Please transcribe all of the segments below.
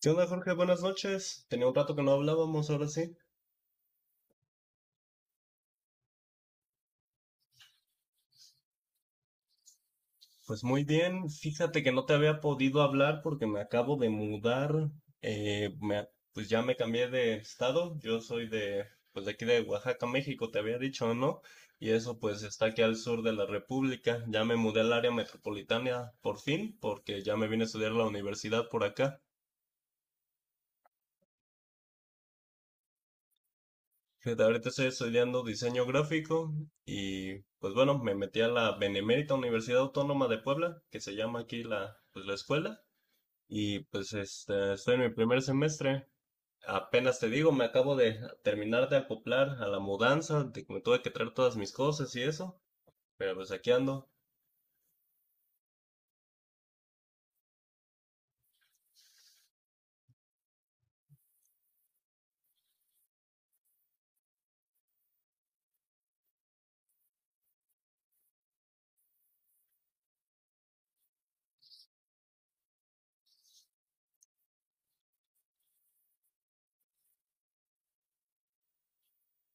¿Qué onda, Jorge? Buenas noches. Tenía un rato que no hablábamos, ahora sí. Pues muy bien. Fíjate que no te había podido hablar porque me acabo de mudar. Eh, me- pues ya me cambié de estado. Yo soy de, pues de aquí de Oaxaca, México, te había dicho, ¿no? Y eso pues está aquí al sur de la República. Ya me mudé al área metropolitana por fin porque ya me vine a estudiar a la universidad por acá. Fíjate, ahorita estoy estudiando diseño gráfico y pues bueno, me metí a la Benemérita Universidad Autónoma de Puebla, que se llama aquí la, pues, la escuela, y estoy en mi primer semestre. Apenas te digo, me acabo de terminar de acoplar a la mudanza, de que me tuve que traer todas mis cosas y eso, pero pues aquí ando.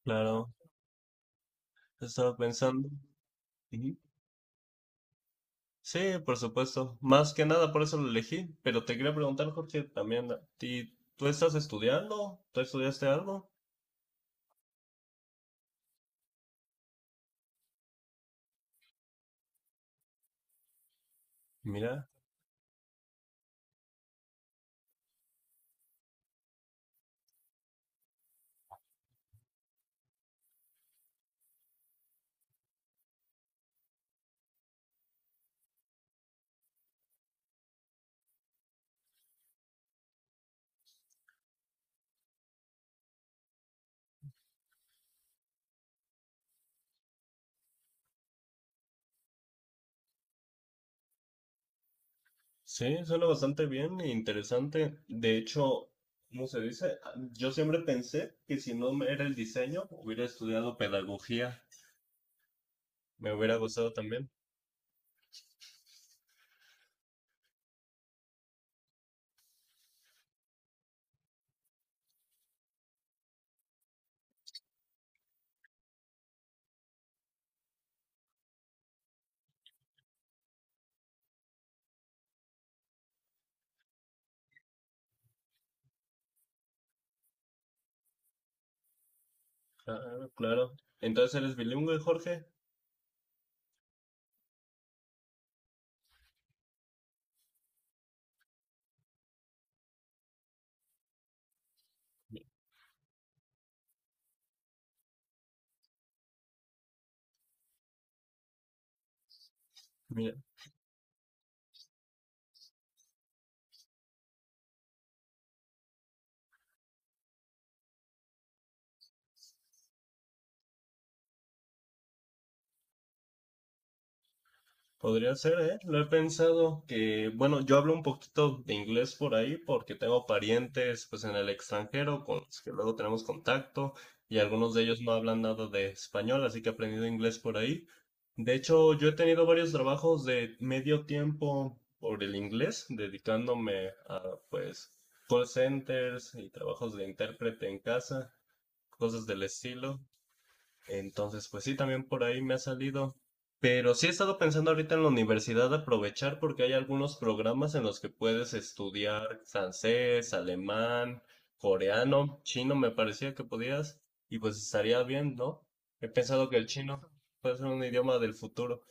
Claro, estaba pensando. Ujú. Sí, por supuesto. Más que nada por eso lo elegí, pero te quería preguntar, Jorge, también a ti, ¿tú estás estudiando? ¿Tú estudiaste algo? Mira, sí, suena bastante bien e interesante. De hecho, ¿cómo se dice? Ah, yo siempre pensé que si no me era el diseño, hubiera estudiado pedagogía. Me hubiera gustado también. Ah, claro. Entonces eres bilingüe, Jorge. Mi- Mira, podría ser, ¿eh? Lo he pensado que, bueno, yo hablo un poquito de inglés por ahí porque tengo parientes pues en el extranjero con los que luego tenemos contacto y algunos de ellos no hablan nada de español, así que he aprendido inglés por ahí. De hecho, yo he tenido varios trabajos de medio tiempo por el inglés, dedicándome a pues call centers y trabajos de intérprete en casa, cosas del estilo. Entonces, pues sí, también por ahí me ha salido. Pero sí he estado pensando ahorita en la universidad aprovechar porque hay algunos programas en los que puedes estudiar francés, alemán, coreano, chino, me parecía que podías. Y pues estaría bien, ¿no? He pensado que el chino puede ser un idioma del futuro.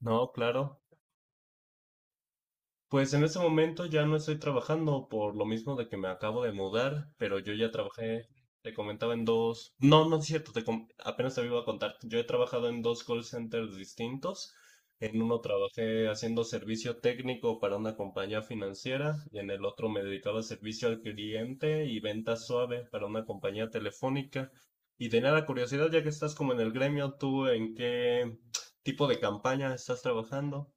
No, claro. Pues en ese momento ya no estoy trabajando por lo mismo de que me acabo de mudar, pero yo ya trabajé, te comentaba en dos, no, no es cierto, apenas te iba a contar, yo he trabajado en dos call centers distintos, en uno trabajé haciendo servicio técnico para una compañía financiera y en el otro me dedicaba a servicio al cliente y venta suave para una compañía telefónica. Y tenía la curiosidad, ya que estás como en el gremio, ¿tú en qué tipo de campaña estás trabajando?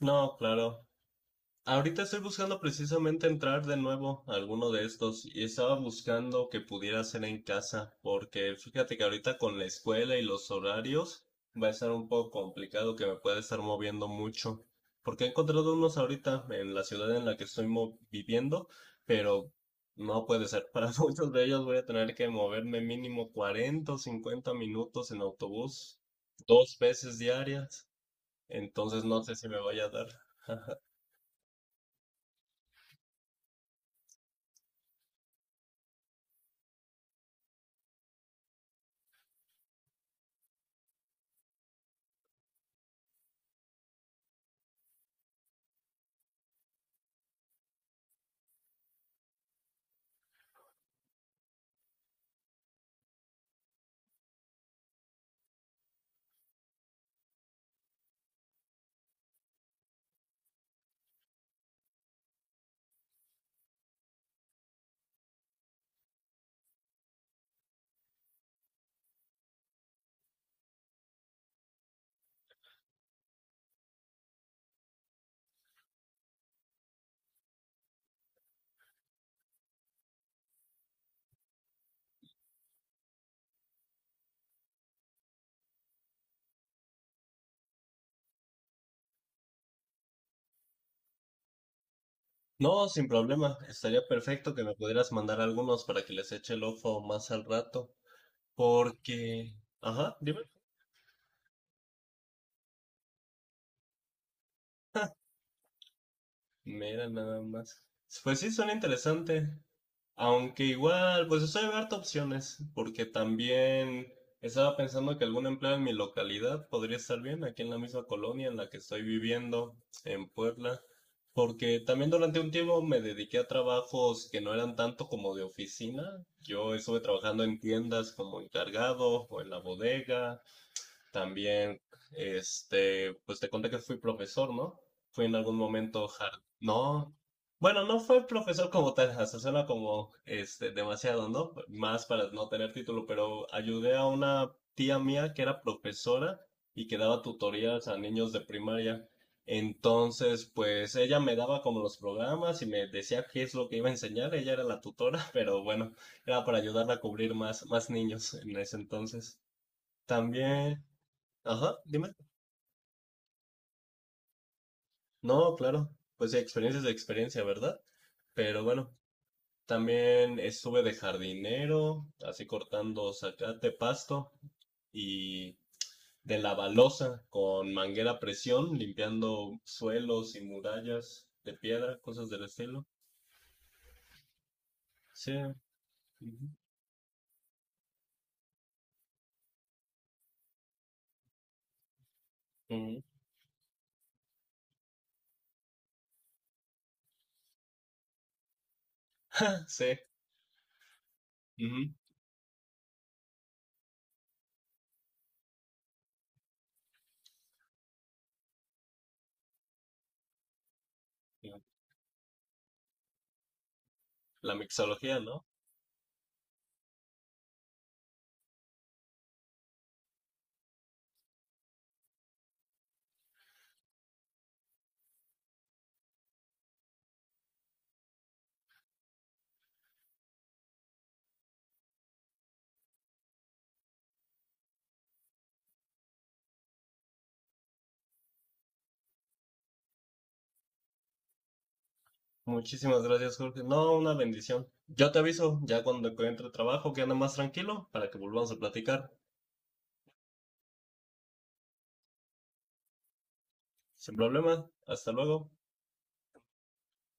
No, claro. Ahorita estoy buscando precisamente entrar de nuevo a alguno de estos y estaba buscando que pudiera hacer en casa, porque fíjate que ahorita con la escuela y los horarios va a estar un poco complicado que me pueda estar moviendo mucho, porque he encontrado unos ahorita en la ciudad en la que estoy viviendo, pero no puede ser. Para muchos de ellos voy a tener que moverme mínimo 40 o 50 minutos en autobús, dos veces diarias, entonces no sé si me vaya a dar. No, sin problema. Estaría perfecto que me pudieras mandar algunos para que les eche el ojo más al rato. Porque... Ajá, dime. Mira, nada más. Pues sí, suena interesante. Aunque igual, pues estoy abierto a opciones, porque también estaba pensando que algún empleo en mi localidad podría estar bien, aquí en la misma colonia en la que estoy viviendo, en Puebla, porque también durante un tiempo me dediqué a trabajos que no eran tanto como de oficina. Yo estuve trabajando en tiendas como encargado o en la bodega, también, pues te conté que fui profesor, ¿no? Fui en algún momento hard. No, bueno, no fue profesor como tal, hasta suena como este, demasiado, ¿no? Más para no tener título, pero ayudé a una tía mía que era profesora y que daba tutorías a niños de primaria. Entonces, pues ella me daba como los programas y me decía qué es lo que iba a enseñar. Ella era la tutora, pero bueno, era para ayudarla a cubrir más niños en ese entonces. También ajá, dime. No, claro. Pues experiencia es experiencia, ¿verdad? Pero bueno, también estuve de jardinero, así cortando zacate, pasto y de la balosa con manguera a presión, limpiando suelos y murallas de piedra, cosas del estilo. Sí. Ujú, ujú, ah, sí. Ujú, la mixología, ¿no? Muchísimas gracias, Jorge. No, una bendición. Yo te aviso ya cuando encuentre trabajo que ande más tranquilo para que volvamos a platicar. Sin problema, hasta luego.